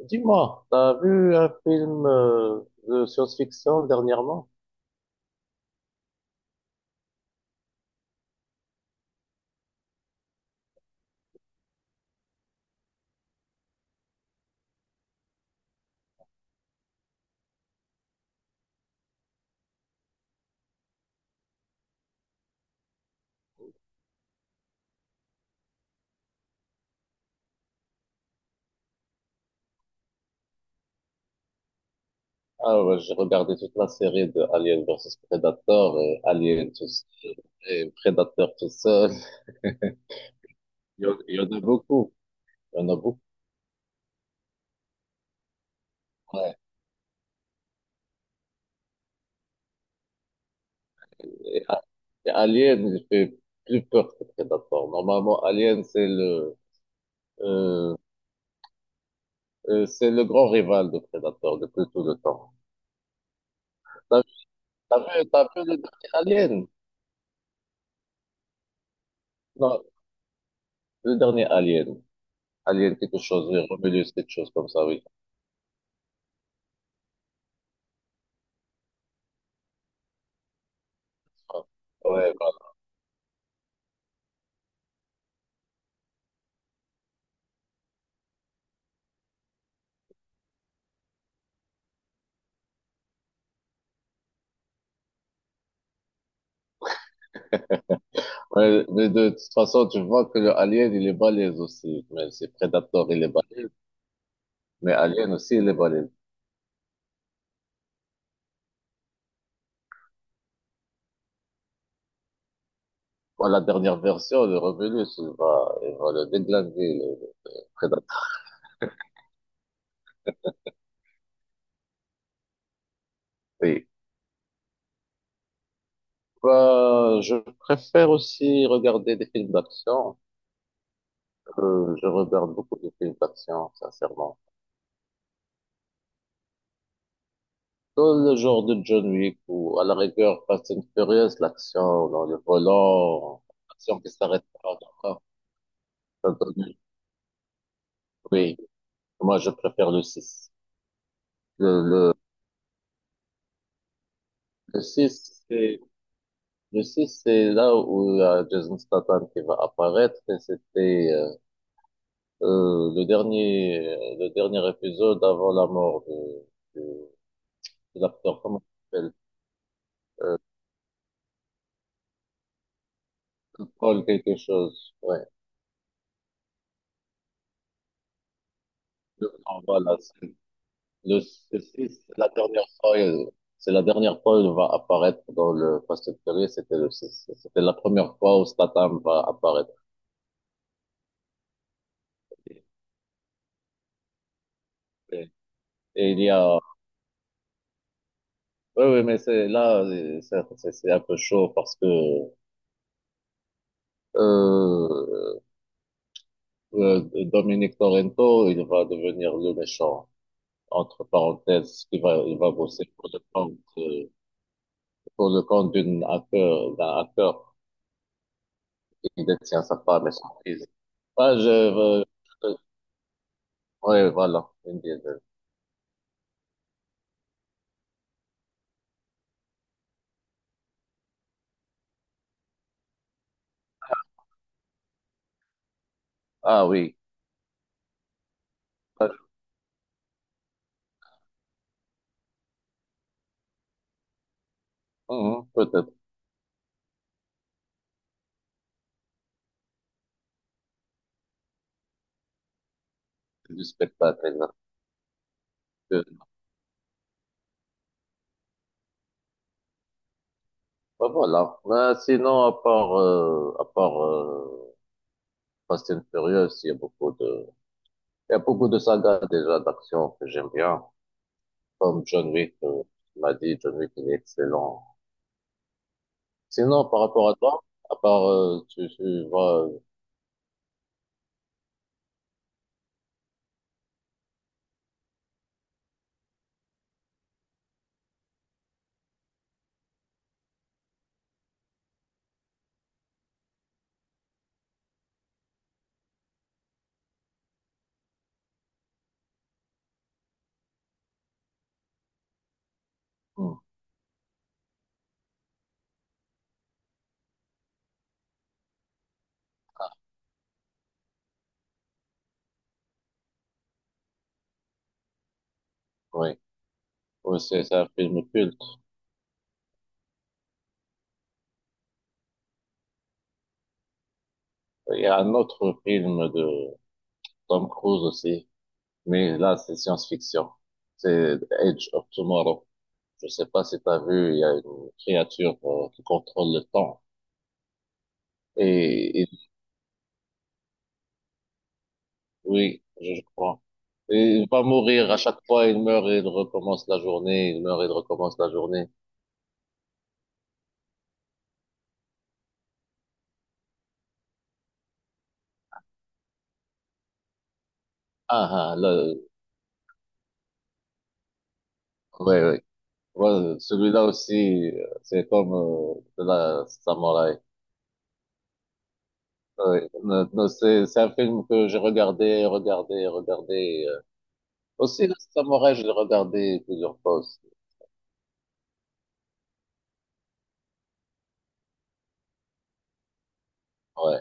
Dis-moi, t'as vu un film de science-fiction dernièrement? Ah ouais, j'ai regardé toute la série de Alien versus Predator et Alien tout seul et Predator tout seul. Il y en a beaucoup, il y en a beaucoup. Ouais. Et, A- et Alien, il fait plus peur que Predator. Normalement, Alien, euh, c'est le grand rival de Predator depuis tout le temps. T'as t'as vu le dernier Alien? Non, le dernier Alien. Alien quelque chose, oui, Romulus quelque chose comme ça, oui. Ouais, voilà. Ouais, mais de toute façon, tu vois que le Alien, il est balèze aussi. Mais c'est Predator, il est balèze. Mais Alien aussi, il est balèze. Bon, la dernière version, le Romulus, il va le déglinguer, le Predator. Oui. Bah, je préfère aussi regarder des films d'action. Je regarde beaucoup de films d'action, sincèrement. Dans le genre de John Wick ou à la rigueur Fast and Furious, l'action dans le volant, l'action qui s'arrête pas. Ça donne, oui. Moi, je préfère le six. Le, le, le 6, c'est, le 6 c'est là où il y a Jason Statham qui va apparaître et c'était, euh, le dernier, le dernier épisode avant la mort de, de l'acteur, comment il s'appelle? Euh, Paul quelque chose, ouais. Le, ah, voilà, c'est- le, le 6, c'est la dernière fois, c'est la dernière fois où il va apparaître dans le Fast and Furious, c'était le 6. C'était la première fois où Statham va apparaître. Et, et il y a, Oui, oui, mais c'est là, c'est un peu chaud parce que euh, euh, Dominic Torrento, il va devenir le méchant, entre parenthèses, il va bosser pour le compte d'une hacker, d'un hacker qui détient sa femme et son fils. Ah, je, euh, euh, ouais, voilà, Vin Diesel. Ah oui. Ah, peut-être du spectacle, exact. Euh, bah, voilà. Bah, sinon, à part Fast and Furious, il y a beaucoup de. Il y a beaucoup de sagas déjà d'action que j'aime bien, comme John Wick, tu m'as dit, John Wick, il est excellent. Sinon, par rapport à toi, tu, tu vois, hmm, oui, oui, c'est un film culte. Il y a un autre film de Tom Cruise aussi, mais là, c'est science-fiction. C'est Edge of Tomorrow. Je sais pas si tu as vu, il y a une créature qui contrôle le temps. Et oui, je crois. Et il va mourir à chaque fois, il meurt et il recommence la journée, il meurt et il recommence la journée. Ah, ah, là, ouais, ouais. Ouais, celui-là aussi, c'est comme de la Samouraï. Ouais. Non, non, c'est un film que j'ai regardé, regardé, regardé. Aussi, le Samouraï, je l'ai regardé plusieurs fois aussi. Ouais.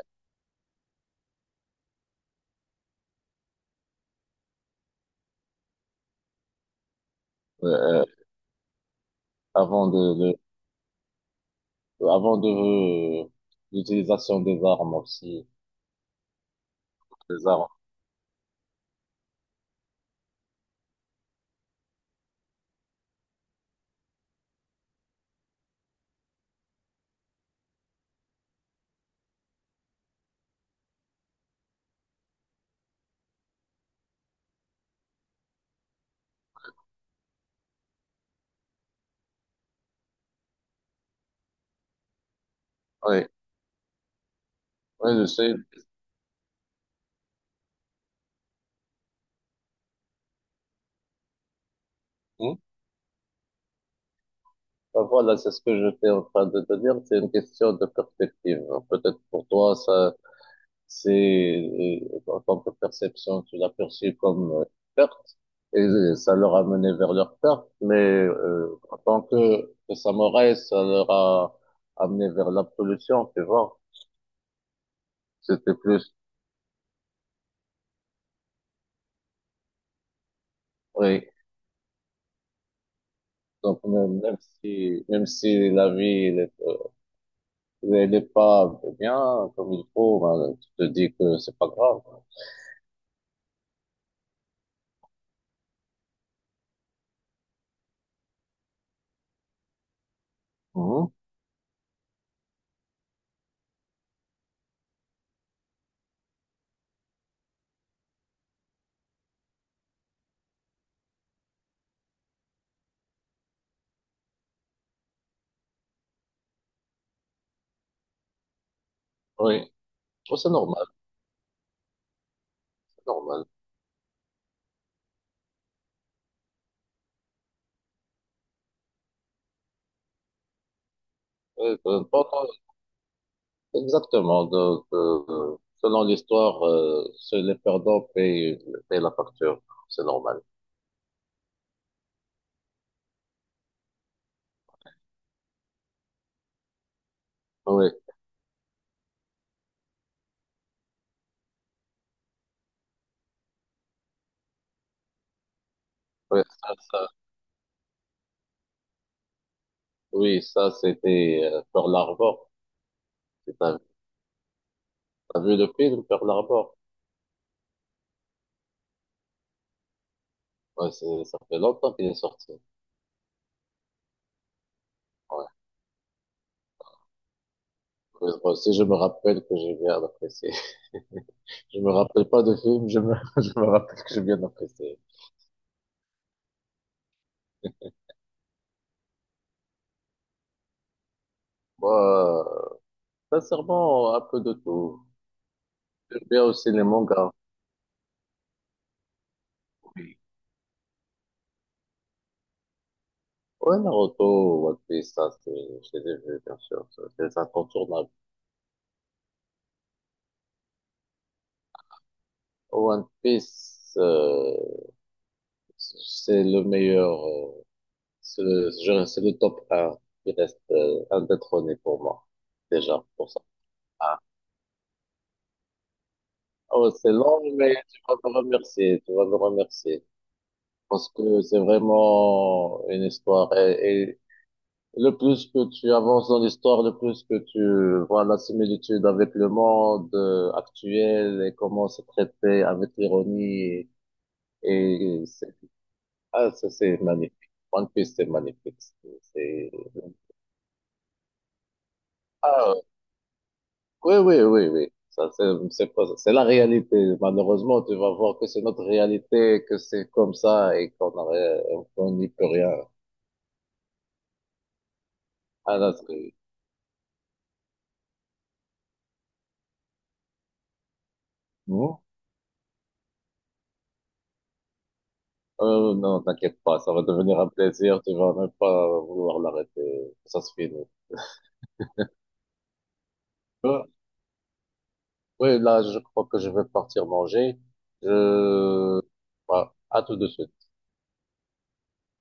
Euh, euh, avant de, de- avant de euh, l'utilisation des armes aussi. Des armes. Oui, oui, je sais. Hmm? Ben voilà, c'est ce que j'étais en train de te dire. C'est une question de perspective. Peut-être pour toi, ça, c'est, en tant que perception, tu l'as perçu comme perte et ça leur a mené vers leur perte. Mais en tant que samouraï, ça leur a amené vers l'absolution, tu vois. C'était plus, oui. Donc même, même si la vie, elle est pas bien comme il faut, ben, tu te dis que c'est pas grave. Mhm. Oui. Je trouve ça normal. Normal. Oui, euh, pendant- exactement. Donc, selon l'histoire, seul les perdants payent, payent la facture. C'est normal. Oui, oui, oui, ça, c'était Pearl Harbor. Tu T'as, t'as vu le film Pearl Harbor? Ouais, c'est, ça fait longtemps qu'il est sorti. Ouais. Mais moi aussi, je me rappelle que j'ai bien apprécié. Je me rappelle pas de film, je me rappelle que j'ai bien apprécié. Moi, euh, sincèrement, un peu de tout. J'aime bien aussi les mangas. Ouais, Naruto, One Piece, ça, c'est, je les ai vus, bien sûr, ça, c'est incontournable. One Piece, c'est le meilleur, c'est le top un, qui reste indétrôné pour moi, déjà, pour ça. Ah, oh, c'est long, mais tu vas me remercier, parce que c'est vraiment une histoire, et, le plus que tu avances dans l'histoire, le plus que tu vois la similitude avec le monde actuel et comment c'est traité avec ironie. Et c'est, ah, ça, c'est magnifique. One Piece, c'est magnifique. Ah, oui, oui, oui, oui. Ça, c'est pas, c'est la réalité. Malheureusement, tu vas voir que c'est notre réalité, que c'est comme ça et qu'on n'a rien- on n'y peut rien. Ah, là, c'est, hmm? Non, t'inquiète pas, ça va devenir un plaisir, tu vas même pas vouloir l'arrêter, ça se finit. Euh, Oui, là, je crois que je vais partir manger. Je... Bah, à tout de suite.